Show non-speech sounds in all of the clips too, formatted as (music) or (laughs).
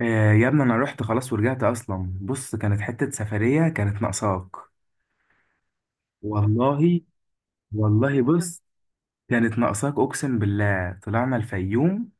يا ابني انا رحت خلاص ورجعت اصلا. بص، كانت حتة سفرية كانت ناقصاك. والله، والله، بص، كانت ناقصاك اقسم بالله. طلعنا الفيوم،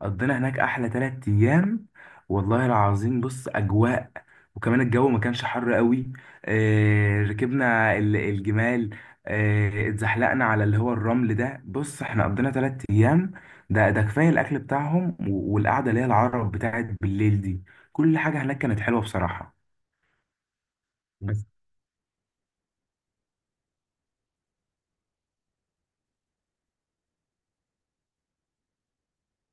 قضينا هناك احلى 3 ايام. والله العظيم، بص اجواء. وكمان الجو ما كانش حر قوي. ركبنا الجمال. اتزحلقنا على اللي هو الرمل ده. بص، احنا قضينا 3 ايام. ده كفاية، الاكل بتاعهم والقعدة اللي هي العرب بتاعت بالليل دي. كل حاجة هناك كانت حلوة بصراحة. بس.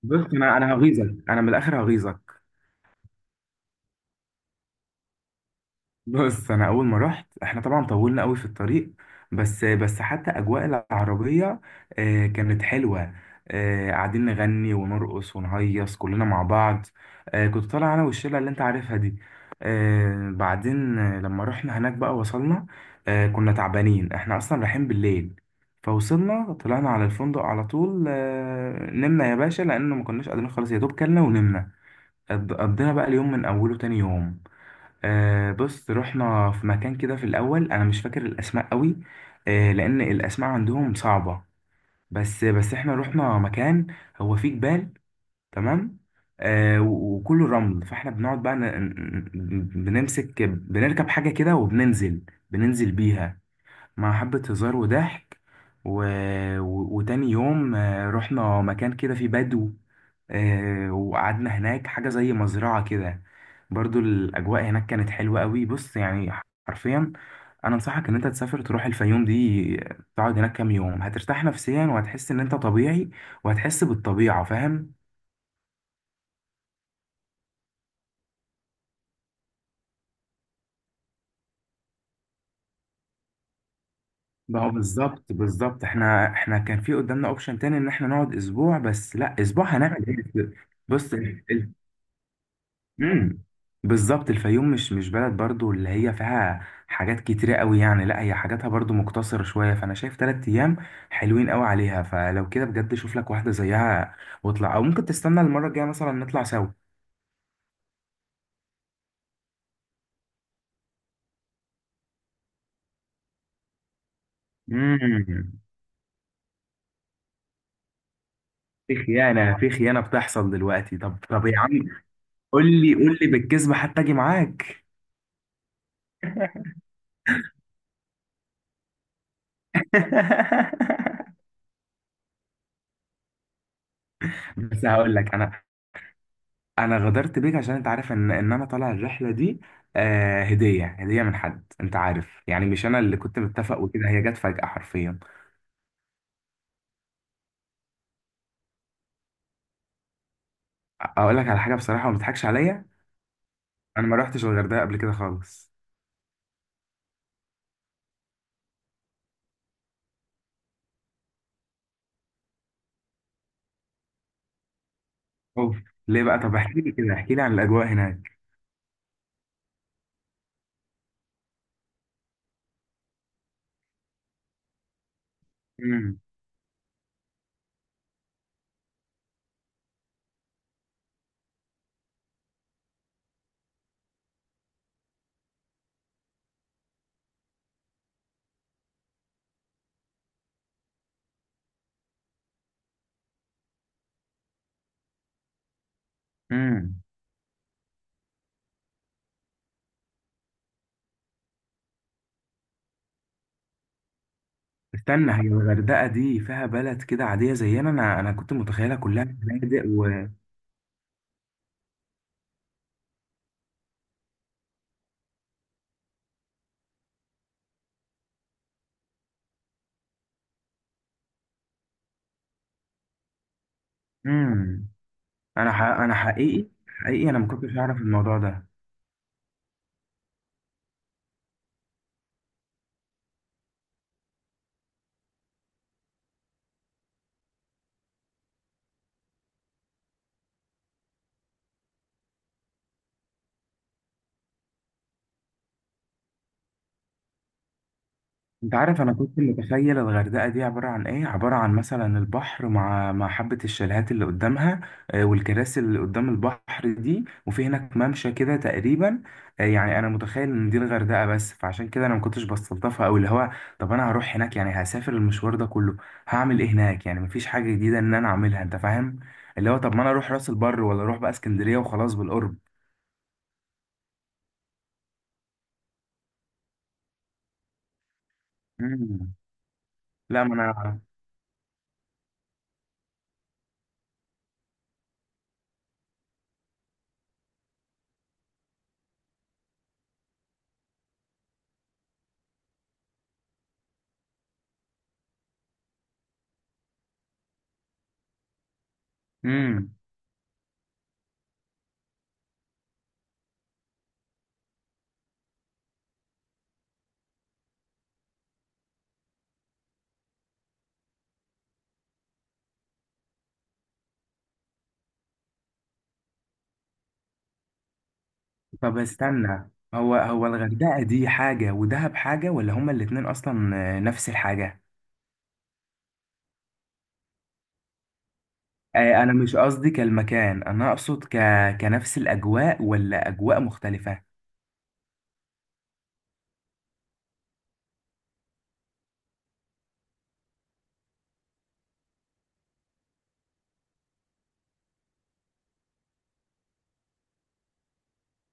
بص، انا هغيظك، انا من الاخر هغيظك. بص، انا اول ما رحت احنا طبعا طولنا قوي في الطريق. بس بس حتى اجواء العربيه كانت حلوه. قاعدين نغني ونرقص ونهيص كلنا مع بعض. كنت طالع انا والشله اللي انت عارفها دي. آه، بعدين آه، لما رحنا هناك بقى وصلنا. كنا تعبانين، احنا اصلا رايحين بالليل. فوصلنا طلعنا على الفندق على طول، نمنا يا باشا لانه ما كناش قادرين خالص يا دوب كلنا ونمنا. قضينا بقى اليوم من اوله تاني يوم. بص، رحنا في مكان كده في الاول. انا مش فاكر الاسماء قوي، لان الاسماء عندهم صعبه. بس بس احنا رحنا مكان هو فيه جبال، تمام. وكله رمل. فاحنا بنقعد بقى بنمسك بنركب حاجه كده وبننزل، بننزل بيها مع حبة هزار وضحك. و... وتاني يوم رحنا مكان كده فيه بدو. وقعدنا هناك حاجة زي مزرعة كده. برضو الأجواء هناك كانت حلوة قوي، بص يعني. حرفيا أنا أنصحك إن أنت تسافر تروح الفيوم دي، تقعد هناك كام يوم هترتاح نفسيا وهتحس إن أنت طبيعي وهتحس بالطبيعة. فاهم؟ بقى بالظبط بالظبط احنا كان في قدامنا اوبشن تاني ان احنا نقعد اسبوع. بس لا، اسبوع هنعمل ايه؟ بص. امم بالظبط، الفيوم مش بلد برضو اللي هي فيها حاجات كتيرة قوي يعني، لا هي حاجاتها برضو مقتصرة شوية. فانا شايف 3 ايام حلوين قوي عليها. فلو كده بجد شوف لك واحدة زيها واطلع، او ممكن تستنى المرة الجاية مثلا نطلع سوا. امم في خيانة، في خيانة بتحصل دلوقتي. طب، طب يا عم، قول لي، قول لي بالكذب حتى اجي معاك. (laughs) بس هقول لك انا، انا غدرت بيك عشان انت عارف ان انا طالع الرحله دي. هديه، هديه من حد انت عارف، يعني مش انا اللي كنت متفق، وكده هي جت فجاه حرفيا. اقول لك على حاجه بصراحه وما تضحكش عليا. انا ما رحتش الغردقه قبل كده خالص. اوف. ليه بقى؟ طب احكي لي كده، احكي لي عن الاجواء هناك. امم امم استنى، هي الغردقه دي فيها بلد كده عاديه زينا؟ انا كنت متخيلها كلها فنادق و امم انا انا حقيقي، حقيقي، انا ما كنتش اعرف الموضوع ده. انت عارف انا كنت متخيل الغردقه دي عباره عن ايه؟ عباره عن مثلا البحر مع حبه الشاليهات اللي قدامها، والكراسي اللي قدام البحر دي، وفي هناك ممشى كده تقريبا. يعني انا متخيل ان دي الغردقه بس. فعشان كده انا ما كنتش بستلطفها قوي. اللي هو طب انا هروح هناك يعني، هسافر المشوار ده كله هعمل ايه هناك يعني؟ مفيش حاجه جديده ان انا اعملها. انت فاهم؟ اللي هو طب ما انا اروح راس البر، ولا اروح بقى اسكندريه وخلاص بالقرب. مم. لا ما انا. مم. طب استنى، هو هو الغردقة دي حاجة ودهب حاجة، ولا هما الاتنين أصلا نفس الحاجة؟ أنا مش قصدي كالمكان، أنا أقصد كنفس الأجواء ولا أجواء مختلفة؟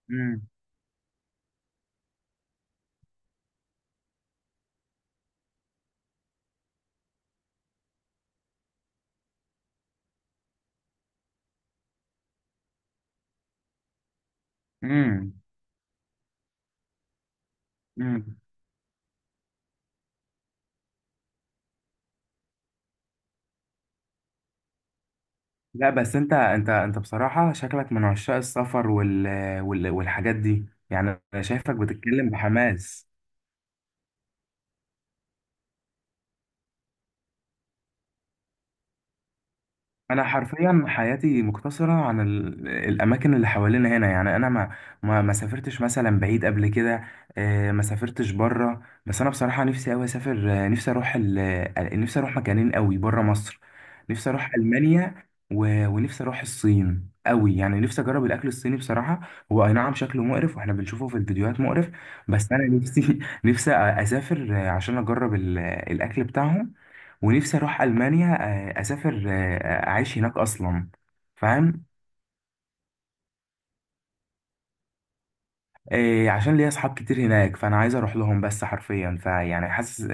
مم. مم. مم. لا بس أنت بصراحة شكلك من عشاق السفر والحاجات دي، يعني أنا شايفك بتتكلم بحماس. انا حرفيا حياتي مقتصره عن الاماكن اللي حوالينا هنا، يعني انا ما سافرتش مثلا بعيد قبل كده. ما سافرتش بره. بس انا بصراحه نفسي قوي اسافر، نفسي اروح مكانين قوي بره مصر. نفسي اروح المانيا، ونفسي اروح الصين قوي، يعني نفسي اجرب الاكل الصيني بصراحه. هو اي نعم شكله مقرف، واحنا بنشوفه في الفيديوهات مقرف. بس انا نفسي (laughs) نفسي اسافر عشان اجرب الاكل بتاعهم. ونفسي اروح المانيا، اسافر اعيش هناك اصلا. فاهم؟ عشان ليا اصحاب كتير هناك فانا عايز اروح لهم، بس حرفيا فيعني حاسس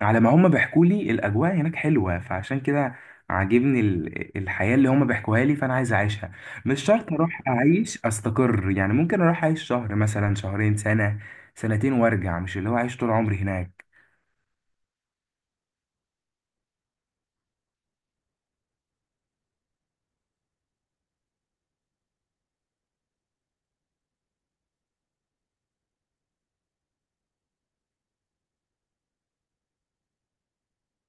على ما هم بيحكوا لي الاجواء هناك حلوه. فعشان كده عاجبني الحياه اللي هم بيحكوها لي، فانا عايز اعيشها. مش شرط اروح اعيش استقر يعني، ممكن اروح اعيش شهر مثلا، شهرين، سنه، سنتين وارجع، مش اللي هو اعيش طول عمري هناك.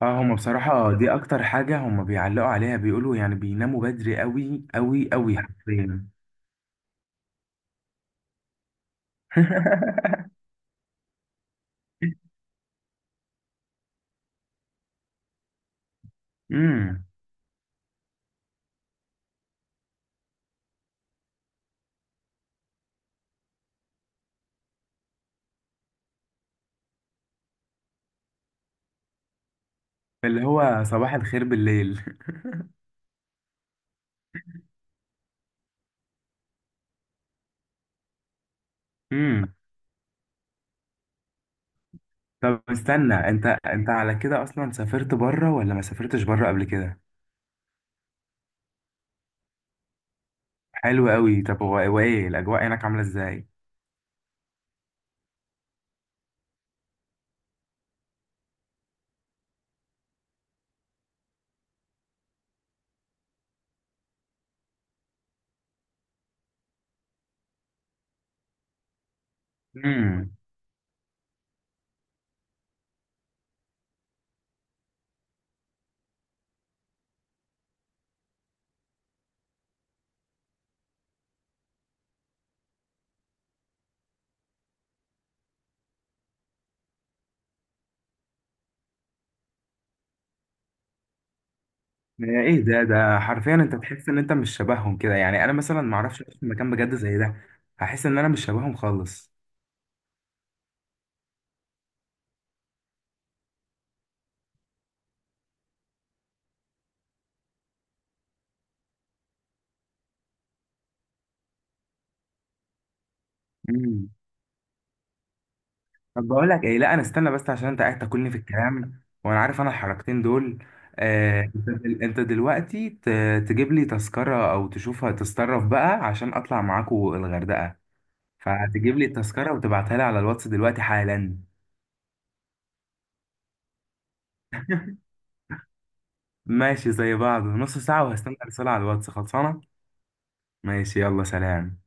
اه، هما بصراحة دي أكتر حاجة هما بيعلقوا عليها. بيقولوا يعني بيناموا بدري أوي أوي أوي حرفيا. (laughs) امم اللي هو صباح الخير بالليل. (laughs) امم. طب استنى، انت انت على كده اصلا سافرت بره ولا ما سافرتش بره قبل كده؟ حلو قوي. طب هو هو ايه الاجواء هناك عامله ازاي؟ امم ايه ده حرفيا انت تحس ان انت مش شبههم كده يعني، انا مثلا ما اعرفش اعيش في مكان بجد زي ده. هحس ان انا مش شبههم خالص. طب بقول لك ايه، لا انا استنى بس عشان انت قاعد تاكلني في الكلام، وانا عارف انا الحركتين دول. انت أنت دلوقتي تجيب لي تذكرة او تشوفها تتصرف بقى عشان اطلع معاكو الغردقة. فتجيب لي التذكرة وتبعتها لي على الواتس دلوقتي حالا. ماشي زي بعض، نص ساعة وهستنى رسالة على الواتس خلصانة. ماشي يلا سلام.